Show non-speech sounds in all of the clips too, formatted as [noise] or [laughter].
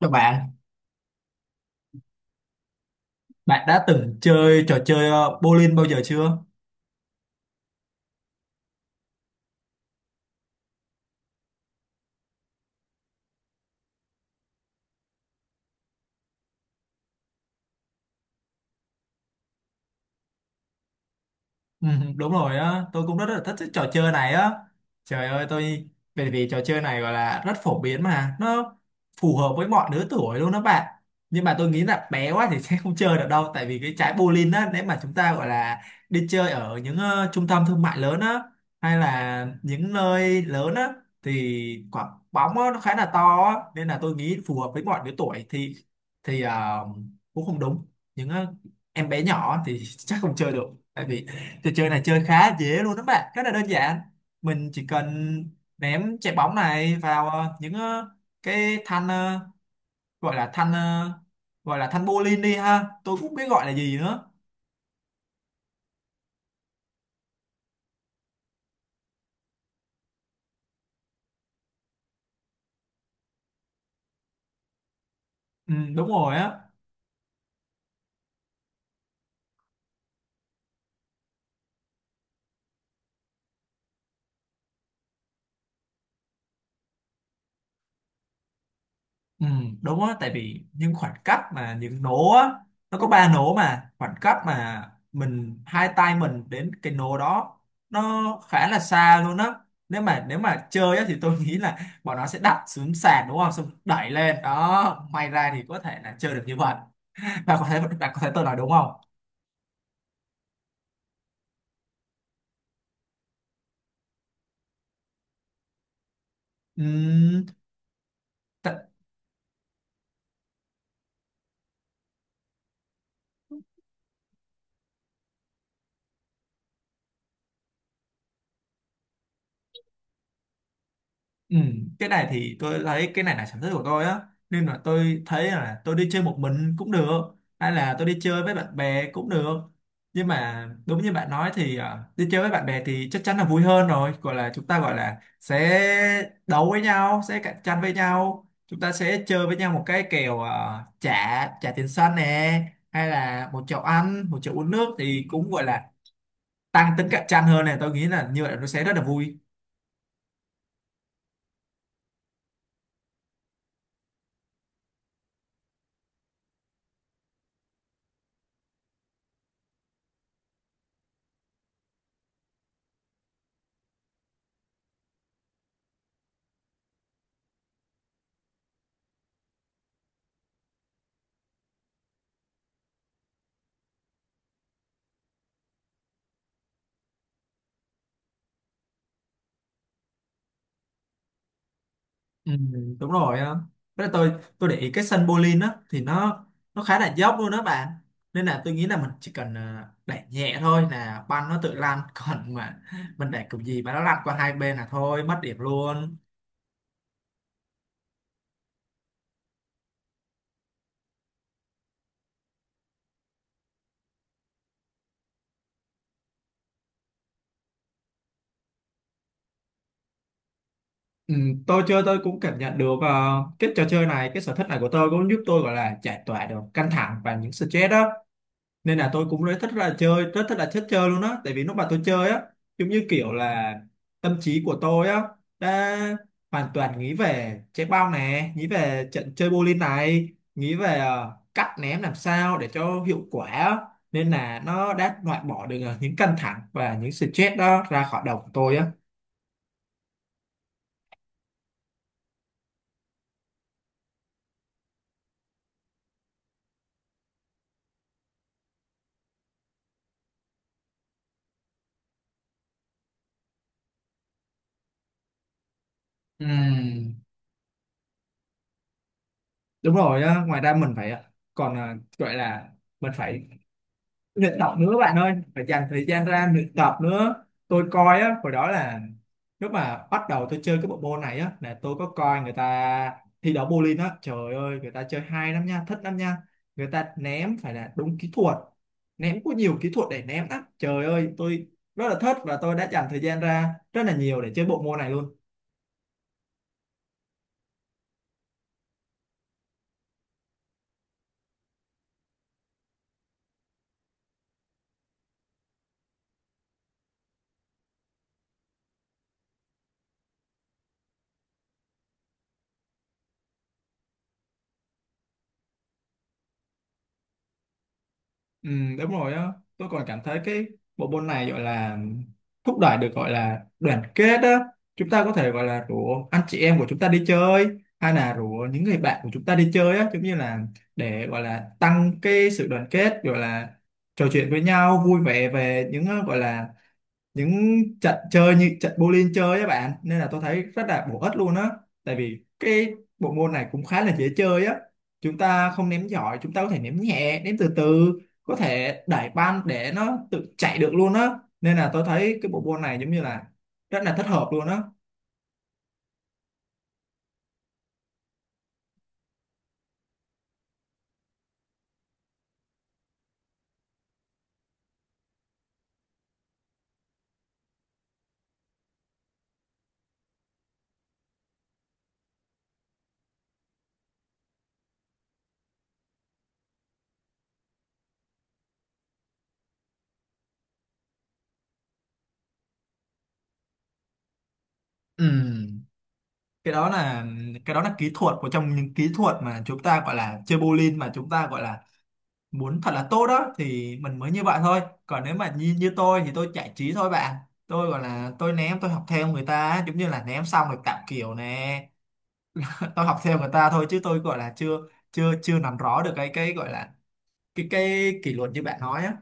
Chào bạn, bạn đã từng chơi trò chơi bowling bao giờ chưa? Ừ, đúng rồi á, tôi cũng rất là thích cái trò chơi này á. Trời ơi, tôi bởi vì trò chơi này gọi là rất phổ biến mà, nó phù hợp với mọi lứa tuổi luôn đó bạn. Nhưng mà tôi nghĩ là bé quá thì [laughs] sẽ không chơi được đâu, tại vì cái trái bowling á, nếu mà chúng ta gọi là đi chơi ở những trung tâm thương mại lớn á, hay là những nơi lớn á, thì quả bóng á, nó khá là to á, nên là tôi nghĩ phù hợp với mọi lứa tuổi thì thì cũng không đúng. Những ờ, em bé nhỏ thì chắc không chơi được, tại vì trò chơi này chơi khá dễ luôn đó bạn, rất là đơn giản. Mình chỉ cần ném trái bóng này vào cái thanh ờ, gọi là thanh ờ, gọi là thanh bowling đi ha. Tôi cũng không biết gọi là gì nữa. Ừ, đúng rồi á. Ừ, đúng á, tại vì những khoảng cách mà những nố á, nó có ba nố mà khoảng cách mà mình hai tay mình đến cái nố đó nó khá là xa luôn á, nếu mà chơi á thì tôi nghĩ là bọn nó sẽ đặt xuống sàn, đúng không, xong đẩy lên đó may ra thì có thể là chơi được như vậy. [laughs] Bạn có thấy tôi nói đúng không? Ừ, ừ, cái này thì tôi thấy cái này là sở thích của tôi á, nên là tôi thấy là tôi đi chơi một mình cũng được, hay là tôi đi chơi với bạn bè cũng được. Nhưng mà đúng như bạn nói thì đi chơi với bạn bè thì chắc chắn là vui hơn rồi, gọi là chúng ta gọi là sẽ đấu với nhau, sẽ cạnh tranh với nhau, chúng ta sẽ chơi với nhau một cái kèo, trả trả tiền sân nè, hay là một chậu ăn một chậu uống nước thì cũng gọi là tăng tính cạnh tranh hơn này, tôi nghĩ là như vậy nó sẽ rất là vui. Ừ, đúng rồi á. Với lại tôi để ý cái sân bowling á thì nó khá là dốc luôn đó bạn. Nên là tôi nghĩ là mình chỉ cần đẩy nhẹ thôi là banh nó tự lăn. [laughs] Còn mà mình đẩy kiểu gì mà nó lăn qua hai bên là thôi mất điểm luôn. Ừ, tôi chơi tôi cũng cảm nhận được cái trò chơi này, cái sở thích này của tôi cũng giúp tôi gọi là giải tỏa được căng thẳng và những stress đó. Nên là tôi cũng rất thích là chơi, rất thích là thích chơi luôn á, tại vì lúc mà tôi chơi á, giống như kiểu là tâm trí của tôi á đã hoàn toàn nghĩ về trái bóng này, nghĩ về trận chơi bowling này, nghĩ về cách ném làm sao để cho hiệu quả á, nên là nó đã loại bỏ được những căng thẳng và những stress đó ra khỏi đầu của tôi á. Ừm, đúng rồi á, ngoài ra mình phải gọi là mình phải luyện tập nữa bạn ơi, phải dành thời gian ra luyện tập nữa. Tôi coi á, hồi đó là lúc mà bắt đầu tôi chơi cái bộ môn này á, là tôi có coi người ta thi đấu bowling á, trời ơi người ta chơi hay lắm nha, thích lắm nha, người ta ném phải là đúng kỹ thuật, ném có nhiều kỹ thuật để ném lắm, trời ơi tôi rất là thích và tôi đã dành thời gian ra rất là nhiều để chơi bộ môn này luôn. Ừ, đúng rồi á. Tôi còn cảm thấy cái bộ môn này gọi là thúc đẩy được gọi là đoàn kết á, chúng ta có thể gọi là rủ anh chị em của chúng ta đi chơi, hay là rủ những người bạn của chúng ta đi chơi á, giống như là để gọi là tăng cái sự đoàn kết, gọi là trò chuyện với nhau vui vẻ về những gọi là những trận chơi như trận bowling chơi á bạn, nên là tôi thấy rất là bổ ích luôn á. Tại vì cái bộ môn này cũng khá là dễ chơi á, chúng ta không ném giỏi chúng ta có thể ném nhẹ, ném từ từ, có thể đẩy banh để nó tự chạy được luôn á, nên là tôi thấy cái bộ môn này giống như là rất là thích hợp luôn á. Ừm, cái đó là cái đó là kỹ thuật, một trong những kỹ thuật mà chúng ta gọi là chơi bowling mà chúng ta gọi là muốn thật là tốt đó thì mình mới như vậy thôi, còn nếu mà như như tôi thì tôi giải trí thôi bạn. Tôi gọi là tôi ném, tôi học theo người ta á, giống như là ném xong rồi tạo kiểu nè. [laughs] Tôi học theo người ta thôi chứ tôi gọi là chưa chưa chưa nắm rõ được cái gọi là cái kỷ luật như bạn nói á.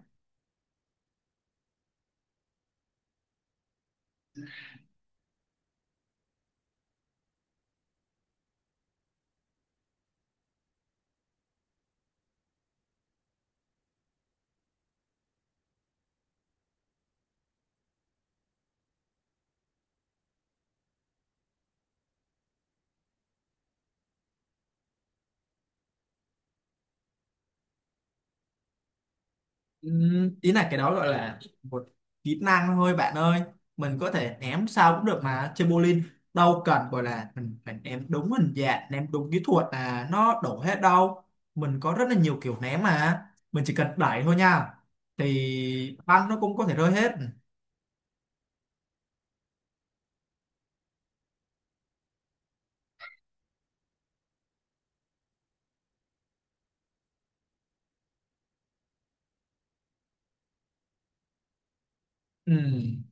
Ý là cái đó gọi là một kỹ năng thôi bạn ơi, mình có thể ném sao cũng được mà, chơi bowling đâu cần gọi là mình phải ném đúng hình dạng, ném đúng kỹ thuật là nó đổ hết đâu. Mình có rất là nhiều kiểu ném mà, mình chỉ cần đẩy thôi nha, thì băng nó cũng có thể rơi hết. Ừm,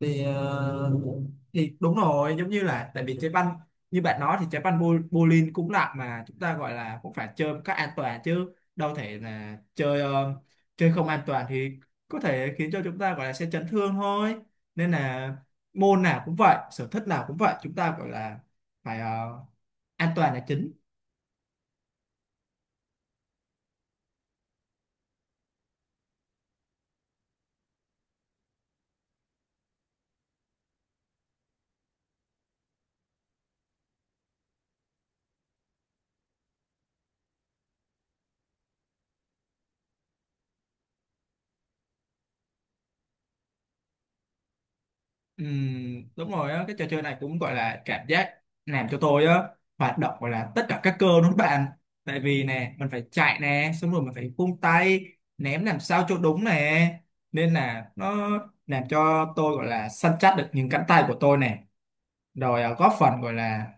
thì thì đúng rồi, giống như là tại vì trái banh như bạn nói thì trái banh bowling cũng nặng mà, chúng ta gọi là cũng phải chơi một cách an toàn chứ đâu thể là chơi chơi không an toàn thì có thể khiến cho chúng ta gọi là sẽ chấn thương thôi. Nên là môn nào cũng vậy, sở thích nào cũng vậy, chúng ta gọi là phải an toàn là chính. Đúng rồi á, cái trò chơi này cũng gọi là cảm giác làm cho tôi á hoạt động gọi là tất cả các cơ, đúng không bạn? Tại vì nè mình phải chạy nè, xong rồi mình phải vung tay ném làm sao cho đúng nè, nên là nó làm cho tôi gọi là săn chắc được những cánh tay của tôi nè, rồi góp phần gọi là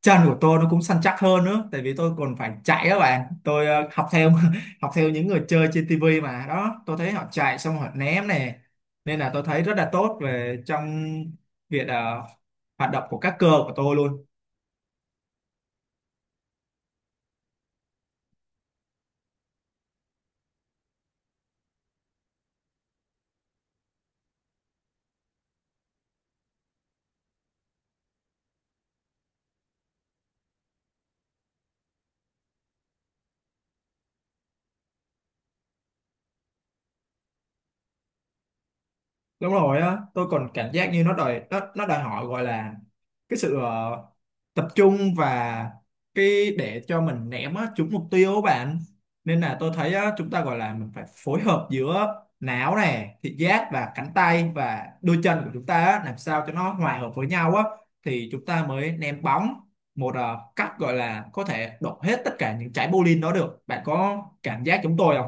chân của tôi nó cũng săn chắc hơn nữa, tại vì tôi còn phải chạy đó bạn. Tôi học theo [laughs] học theo những người chơi trên tivi mà đó, tôi thấy họ chạy xong họ ném này, nên là tôi thấy rất là tốt về trong việc hoạt động của các cơ của tôi luôn. Đúng rồi á, tôi còn cảm giác như nó đòi hỏi gọi là cái sự tập trung, và cái để cho mình ném á trúng mục tiêu á bạn. Nên là tôi thấy á, chúng ta gọi là mình phải phối hợp giữa não nè, thị giác và cánh tay và đôi chân của chúng ta á, làm sao cho nó hòa hợp với nhau á thì chúng ta mới ném bóng một cách gọi là có thể đổ hết tất cả những trái bowling đó được. Bạn có cảm giác chúng tôi không?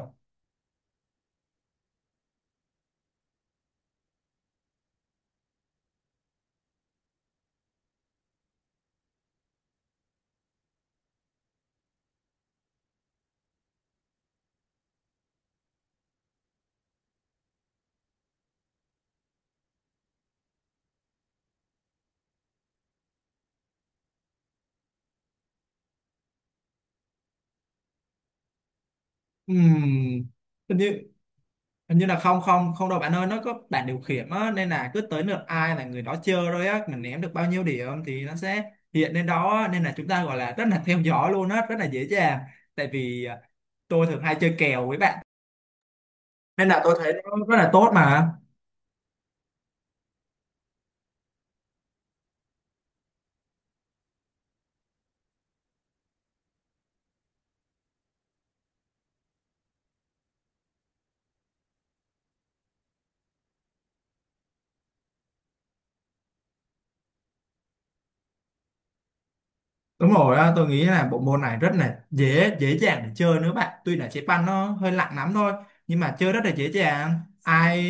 Ừm, Hình như hình như là không không không đâu bạn ơi, nó có bảng điều khiển á, nên là cứ tới lượt ai là người đó chơi rồi á, mình ném được bao nhiêu điểm thì nó sẽ hiện lên đó á, nên là chúng ta gọi là rất là theo dõi luôn á, rất là dễ dàng. Tại vì tôi thường hay chơi kèo với bạn, nên là tôi thấy nó rất là tốt mà. Đúng rồi á, tôi nghĩ là bộ môn này rất là dễ dễ dàng để chơi nữa bạn. Tuy là chế banh nó hơi nặng lắm thôi, nhưng mà chơi rất là dễ dàng. Ai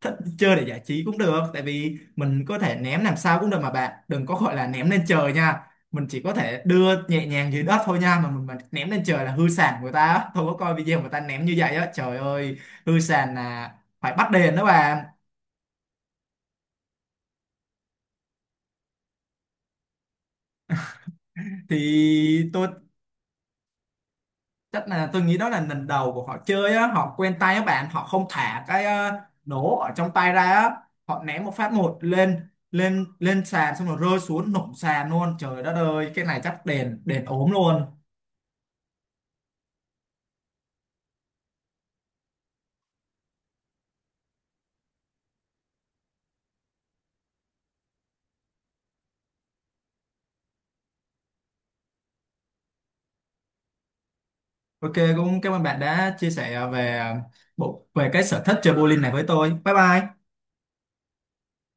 thích chơi để giải trí cũng được, tại vì mình có thể ném làm sao cũng được mà bạn. Đừng có gọi là ném lên trời nha. Mình chỉ có thể đưa nhẹ nhàng dưới đất thôi nha, mà mình mà ném lên trời là hư sàn người ta á. Tôi có coi video người ta ném như vậy á, trời ơi, hư sàn là phải bắt đền đó bạn. Thì tôi chắc là tôi nghĩ đó là lần đầu của họ chơi á, họ quen tay các bạn, họ không thả cái nổ ở trong tay ra á, họ ném một phát một lên lên lên sàn xong rồi rơi xuống nổ sàn luôn, trời đất ơi, cái này chắc đền đền ốm luôn. OK, cũng cảm ơn bạn đã chia sẻ về ờ, bộ về cái sở thích chơi bowling này với tôi. Bye bye.